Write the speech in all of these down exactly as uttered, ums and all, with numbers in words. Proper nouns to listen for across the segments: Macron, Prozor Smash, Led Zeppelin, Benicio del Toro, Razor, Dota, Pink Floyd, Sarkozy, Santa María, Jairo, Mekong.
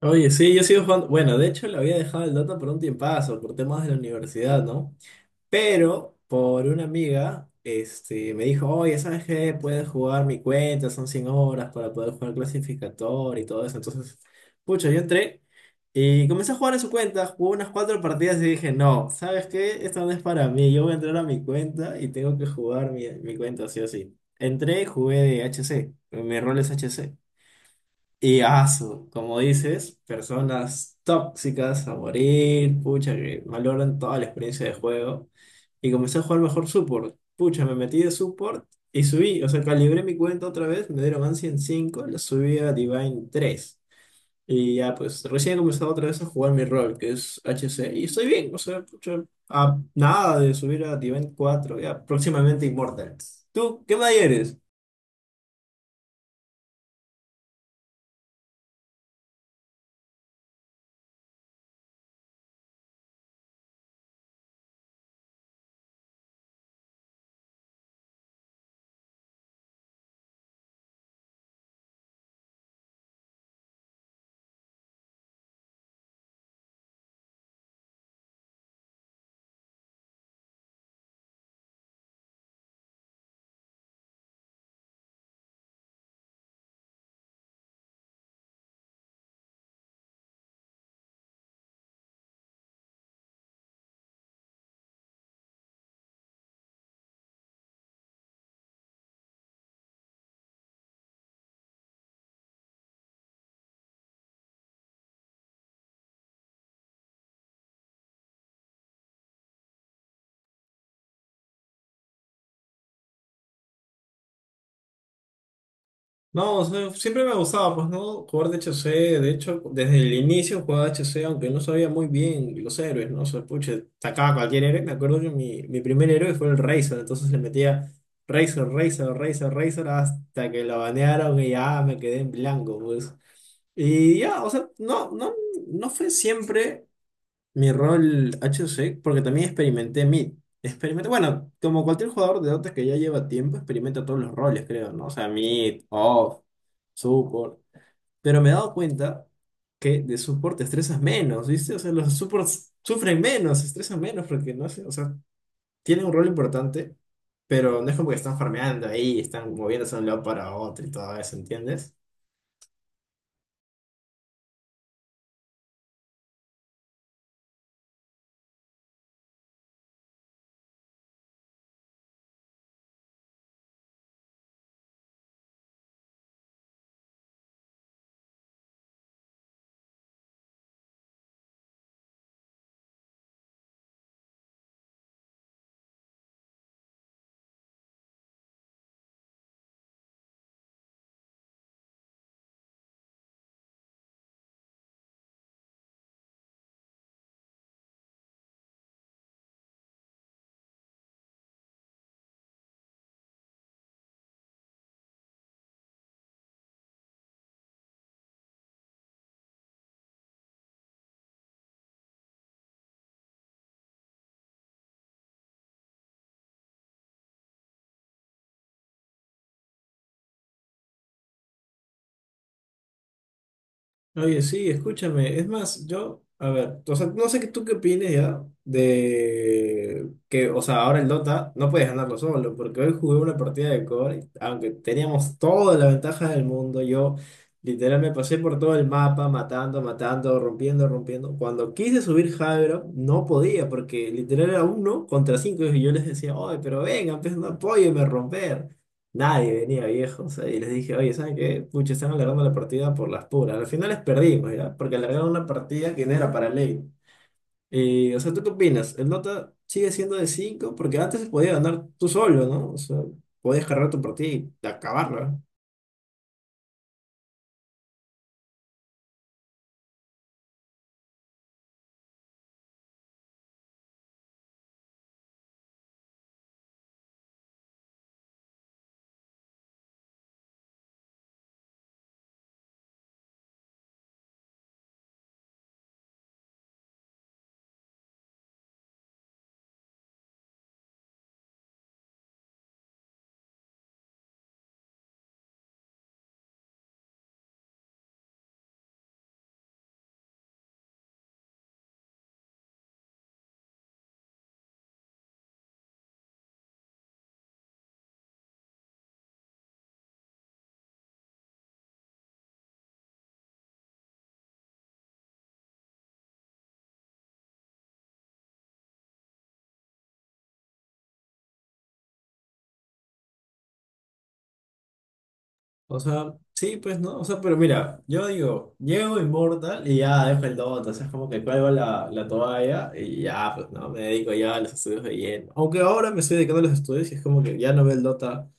Oye, sí, yo sigo jugando. Bueno, de hecho lo había dejado el Dota por un tiempazo, por temas de la universidad, ¿no? Pero por una amiga, este, me dijo, oye, ¿sabes qué? Puedes jugar mi cuenta, son cien horas para poder jugar clasificador y todo eso. Entonces, pucha, yo entré y comencé a jugar en su cuenta, jugué unas cuatro partidas y dije, no, ¿sabes qué? Esto no es para mí, yo voy a entrar a mi cuenta y tengo que jugar mi, mi cuenta, sí o sí. Entré y jugué de H C, mi rol es H C. Y asu, como dices, personas tóxicas a morir, pucha, que valoran toda la experiencia de juego. Y comencé a jugar mejor support. Pucha, me metí de support y subí. O sea, calibré mi cuenta otra vez, me dieron Ancient en cinco, la subí a Divine tres. Y ya, pues recién he comenzado otra vez a jugar mi rol, que es H C. Y estoy bien, o sea, pucha, a nada de subir a Divine cuatro, ya próximamente Immortals. ¿Tú qué más eres? No, o sea, siempre me gustaba, pues, ¿no? Jugar de H C, de hecho, desde el inicio jugaba H C, aunque no sabía muy bien los héroes, ¿no? O sea, pucha, sacaba cualquier héroe. Me acuerdo que mi, mi primer héroe fue el Razor, entonces le metía Razor, Razor, Razor, Razor, hasta que lo banearon y ya me quedé en blanco, pues. Y ya, o sea, no, no, no fue siempre mi rol H C, porque también experimenté mid. Experimenta, bueno, como cualquier jugador de Dota que ya lleva tiempo, experimenta todos los roles, creo, ¿no? O sea, mid, off, support. Pero me he dado cuenta que de support te estresas menos, ¿viste? O sea, los supports sufren menos, se estresan menos porque no sé, o sea, tienen un rol importante, pero no es como que están farmeando ahí, están moviéndose de un lado para otro y todo eso, ¿entiendes? Oye, sí, escúchame. Es más, yo, a ver, o sea, no sé qué tú qué opines ya de que, o sea, ahora el Dota no puedes ganarlo solo, porque hoy jugué una partida de core, aunque teníamos toda la ventaja del mundo, yo literal me pasé por todo el mapa, matando, matando, rompiendo, rompiendo. Cuando quise subir Jairo, no podía, porque literal era uno contra cinco, y yo les decía, oye, pero vengan, pues no apóyenme a romper. Nadie venía, viejo. O sea, y les dije, oye, ¿saben qué? Pucha, están alargando la partida por las puras. Al final les perdimos, ¿ya? Porque alargaron una partida que no era para ley. Y, o sea, ¿tú qué opinas? ¿El Dota sigue siendo de cinco? Porque antes se podía ganar tú solo, ¿no? O sea, podías cargar tu partida y acabarla. O sea, sí, pues, ¿no? O sea, pero mira, yo digo, llego Immortal y ya dejo el Dota. O sea, es como que cuelgo la, la toalla y ya, pues, ¿no? Me dedico ya a los estudios de lleno. Aunque ahora me estoy dedicando a los estudios y es como que ya no veo el Dota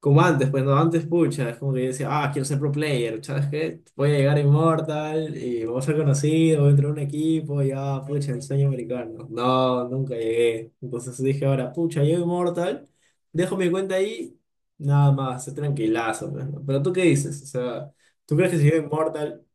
como antes, pues no, antes, pucha, es como que yo decía, ah, quiero ser pro player, ¿sabes qué? Voy a llegar a Immortal y voy a ser conocido, voy a entrar a un equipo, y ah, pucha, el sueño americano. No, nunca llegué. Entonces dije, ahora, pucha, llego a Immortal, dejo mi cuenta ahí, nada más, es tranquilazo, pues, ¿no? Pero tú qué dices, o sea, ¿tú crees que si llego a Immortal?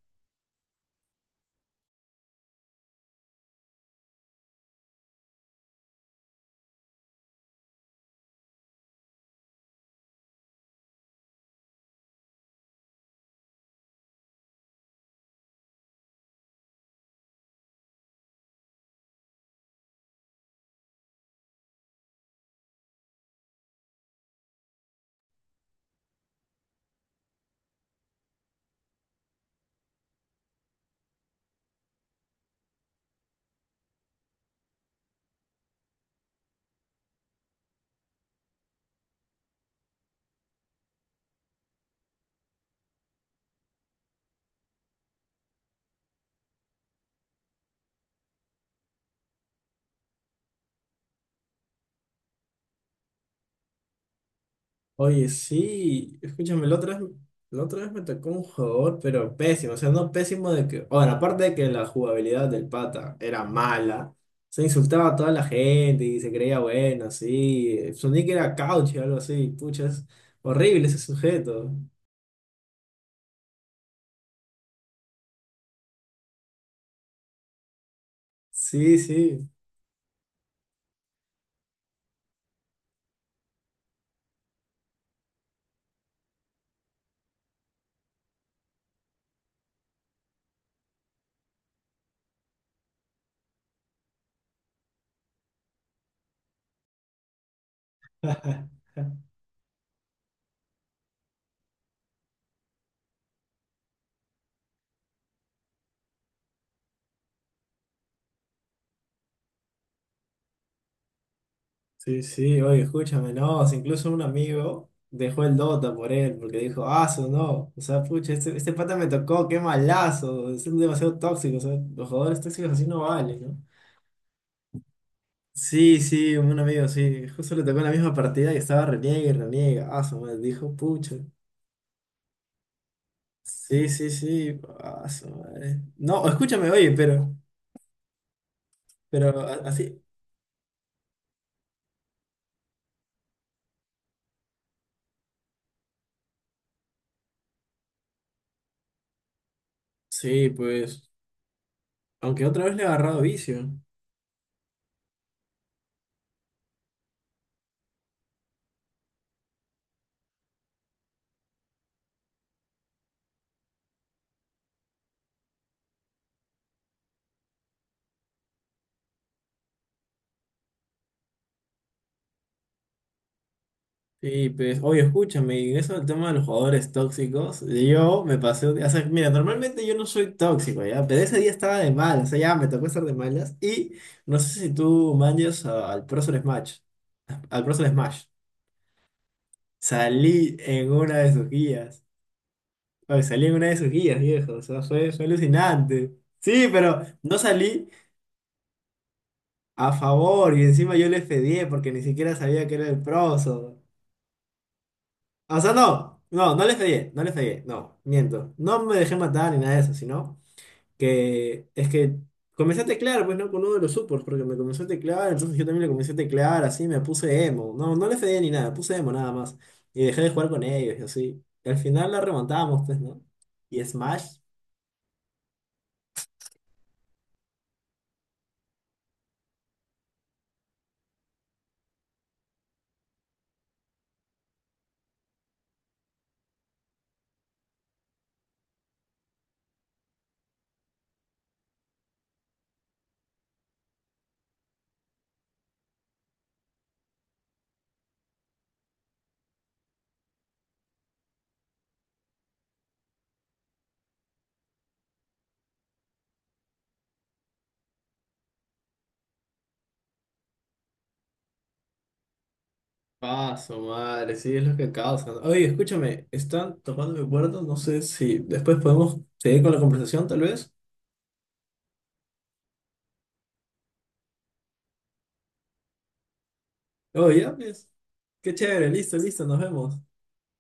Oye, sí, escúchame, la otra vez, la otra vez me tocó un jugador, pero pésimo, o sea, no pésimo de que, bueno, aparte de que la jugabilidad del pata era mala, se insultaba a toda la gente y se creía bueno, sí, su nick era Couch o algo así, pucha, es horrible ese sujeto, sí, sí. Sí, sí, oye, escúchame, no, si incluso un amigo dejó el Dota por él, porque dijo, ah, su no, o sea, pucha, este, este pata me tocó, qué malazo, es demasiado tóxico, o sea, los jugadores tóxicos así no valen, ¿no? Sí, sí, un amigo, sí, justo le tocó en la misma partida y estaba reniega y reniega, ah, su madre, dijo, pucha, sí, sí, sí, ah, su madre. No, escúchame, oye, pero, pero a- así, sí, pues, aunque otra vez le he agarrado vicio. Sí, pues, oye, escúchame, y en eso del tema de los jugadores tóxicos, yo me pasé, un día- o sea, mira, normalmente yo no soy tóxico, ya, pero ese día estaba de malas, o sea, ya me tocó estar de malas, y no sé si tú manches a- al Prozor Smash, al Prozor Smash, salí en una de sus guías, oye, salí en una de sus guías, viejo, o sea, fue, fue alucinante, sí, pero no salí a favor, y encima yo le fedié porque ni siquiera sabía que era el Prozor. O sea, no, no, no le fallé, no le fallé, no, miento. No me dejé matar ni nada de eso, sino que es que comencé a teclear, pues no con uno de los supports, porque me comenzó a teclear, entonces yo también le comencé a teclear, así me puse emo. No, no le fallé ni nada, puse emo nada más. Y dejé de jugar con ellos y así. Y al final la remontamos, pues, ¿no? Y Smash, paso, madre, sí, es lo que causa. Oye, escúchame, están tocando mi puerta, no sé si después podemos seguir con la conversación, tal vez. Oye, ya, pues. Qué chévere, listo, listo, nos vemos.